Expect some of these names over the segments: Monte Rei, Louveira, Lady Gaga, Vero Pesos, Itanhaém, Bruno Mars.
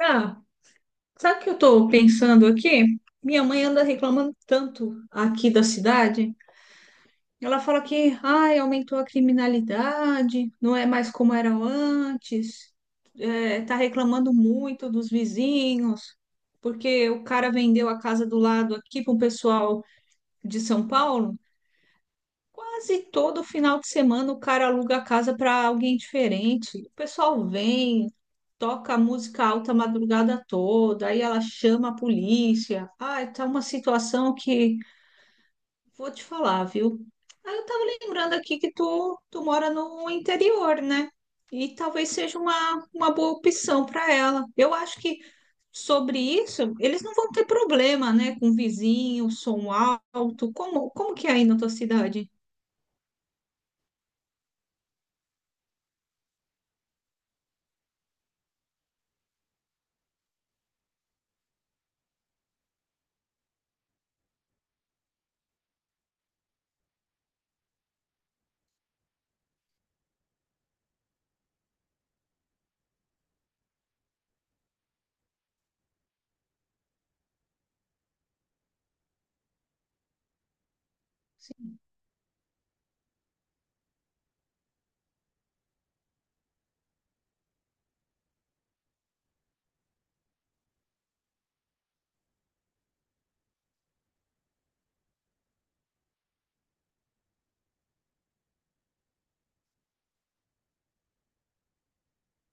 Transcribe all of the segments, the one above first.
Ah, sabe o que eu tô pensando aqui? Minha mãe anda reclamando tanto aqui da cidade. Ela fala que, ai, aumentou a criminalidade, não é mais como era antes. É, tá reclamando muito dos vizinhos, porque o cara vendeu a casa do lado aqui para um pessoal de São Paulo. Quase todo final de semana o cara aluga a casa para alguém diferente. O pessoal vem, toca música alta a madrugada toda, aí ela chama a polícia. Ai, tá uma situação que vou te falar, viu? Aí eu tava lembrando aqui que tu mora no interior, né? E talvez seja uma boa opção para ela. Eu acho que sobre isso eles não vão ter problema, né? Com vizinho, som alto. Como que é aí na tua cidade?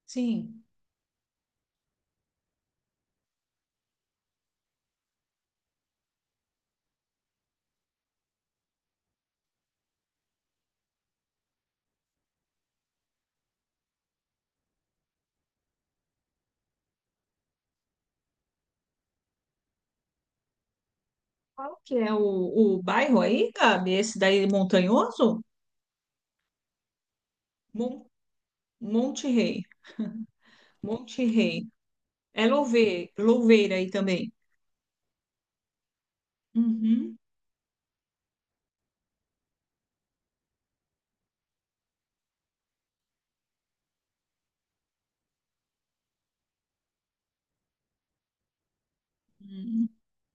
Sim. Qual que é o bairro aí, Gabi? Esse daí é montanhoso? Mon Monte Rei. Monte Rei. É Louveira, Louveira aí também. Uhum. Uhum.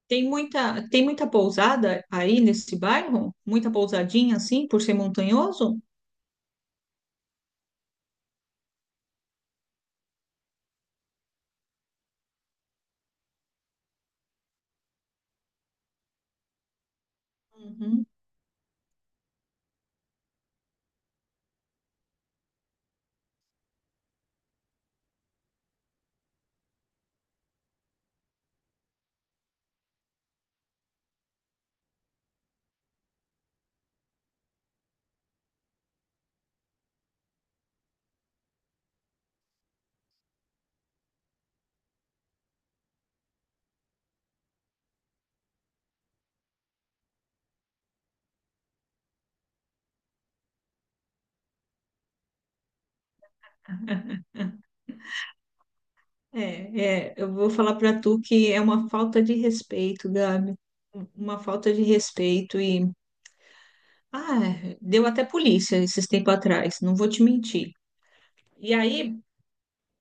Tem muita pousada aí nesse bairro? Muita pousadinha assim, por ser montanhoso? Uhum. É, é, eu vou falar para tu que é uma falta de respeito, Gabi. Uma falta de respeito e ah, deu até polícia esses tempos atrás, não vou te mentir. E aí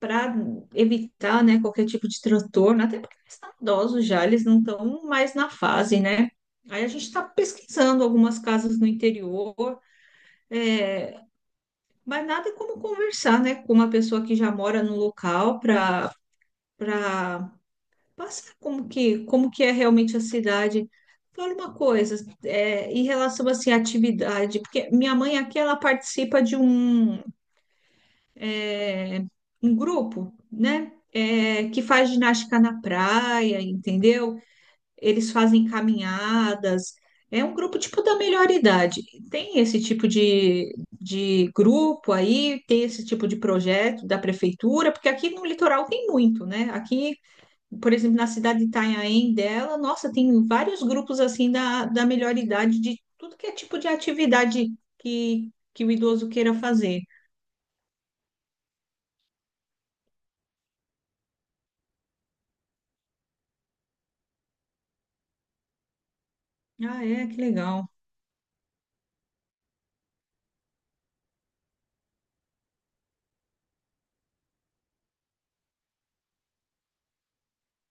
para evitar, né, qualquer tipo de transtorno, até porque eles estão idosos já, eles não estão mais na fase, né? Aí a gente está pesquisando algumas casas no interior, é, mas nada como conversar, né, com uma pessoa que já mora no local para para passar como que é realmente a cidade. Fala uma coisa, em relação assim, à atividade, porque minha mãe aqui ela participa de é, um grupo, né? Que faz ginástica na praia, entendeu? Eles fazem caminhadas. É um grupo tipo da melhor idade. Tem esse tipo de grupo aí, tem esse tipo de projeto da prefeitura, porque aqui no litoral tem muito, né? Aqui, por exemplo, na cidade de Itanhaém dela, nossa, tem vários grupos assim da melhor idade, de tudo que é tipo de atividade que o idoso queira fazer. Ah, que legal.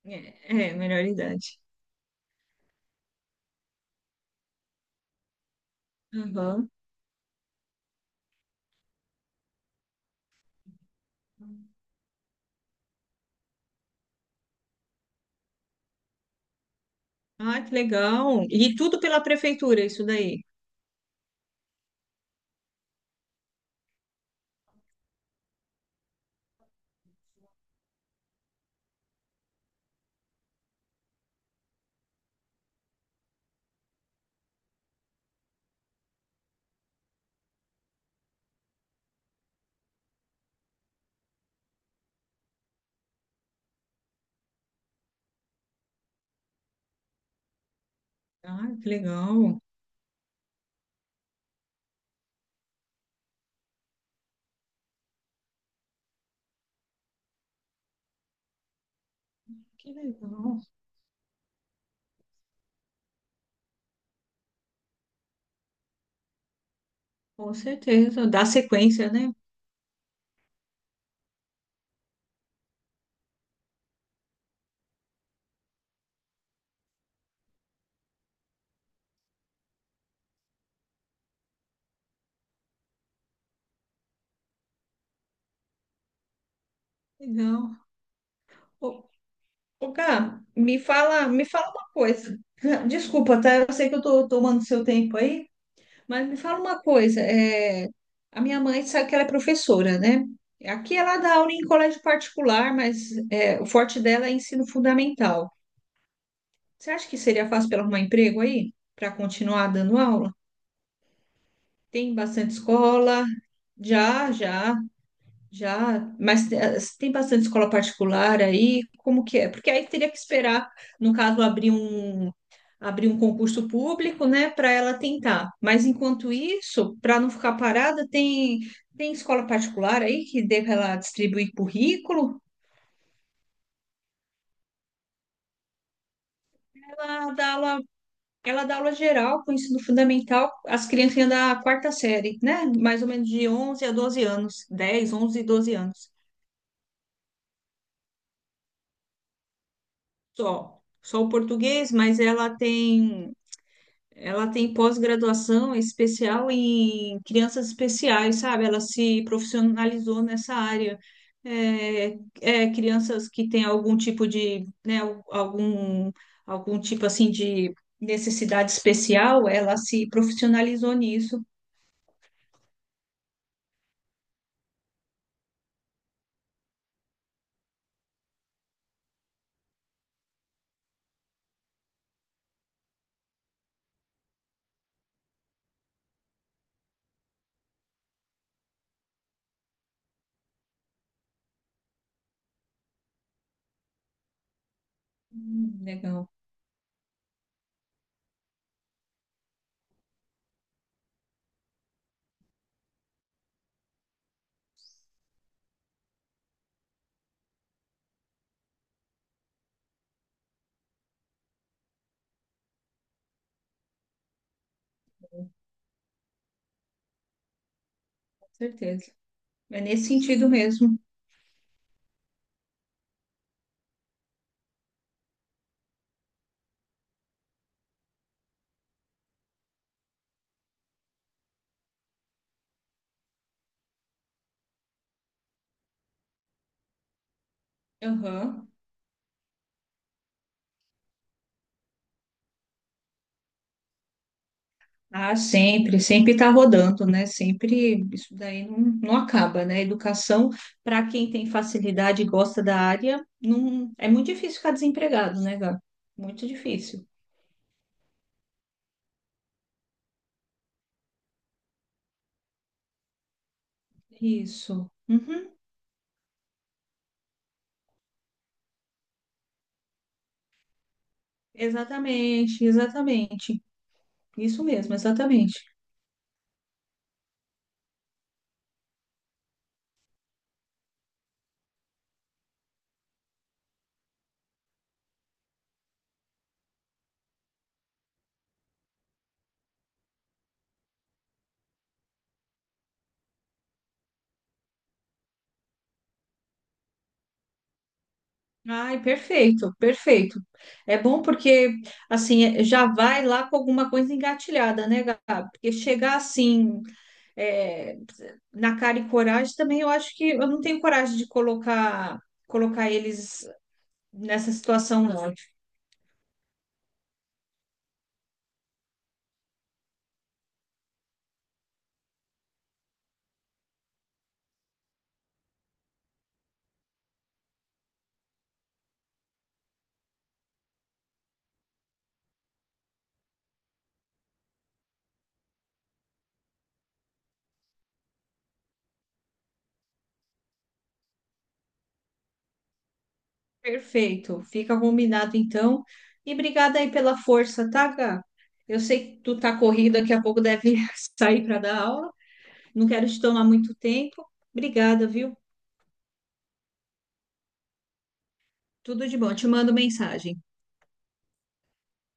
É, é, melhor idade. Aham. Ah, que legal. E tudo pela prefeitura, isso daí. Ah, que legal. Que legal. Com certeza. Dá sequência, né? Legal. Ô, ô, Gá, me fala uma coisa. Desculpa, tá? Eu sei que eu tô tomando seu tempo aí, mas me fala uma coisa. A minha mãe sabe que ela é professora, né? Aqui ela dá aula em colégio particular, mas o forte dela é ensino fundamental. Você acha que seria fácil para arrumar emprego aí? Para continuar dando aula? Tem bastante escola. Já, já, já. Mas tem bastante escola particular aí? Como que é? Porque aí teria que esperar, no caso, abrir um concurso público, né, para ela tentar. Mas enquanto isso, para não ficar parada, tem escola particular aí que dê para ela distribuir currículo? Ela dá aula Ela dá aula geral com ensino fundamental, as criancinhas da quarta série, né? Mais ou menos de 11 a 12 anos, 10, 11 e 12 anos. Só o português, mas ela tem pós-graduação especial em crianças especiais, sabe? Ela se profissionalizou nessa área. É, é, crianças que têm algum tipo de, né, algum, algum tipo assim de necessidade especial, ela se profissionalizou nisso. Legal. Certeza. É nesse sentido mesmo. Aham. Ah, sempre está rodando, né? Sempre isso daí não acaba, né? Educação, para quem tem facilidade e gosta da área, não, é muito difícil ficar desempregado, né, Gá? Muito difícil. Isso. Uhum. Exatamente, exatamente. Isso mesmo, exatamente. Ai, perfeito, perfeito. É bom porque, assim, já vai lá com alguma coisa engatilhada, né, Gabi? Porque chegar assim, é, na cara e coragem também, eu acho que eu não tenho coragem de colocar eles nessa situação, não. Perfeito. Fica combinado então. E obrigada aí pela força, tá, Gá? Eu sei que tu tá corrida, daqui a pouco deve sair para dar aula. Não quero te tomar muito tempo. Obrigada, viu? Tudo de bom. Te mando mensagem.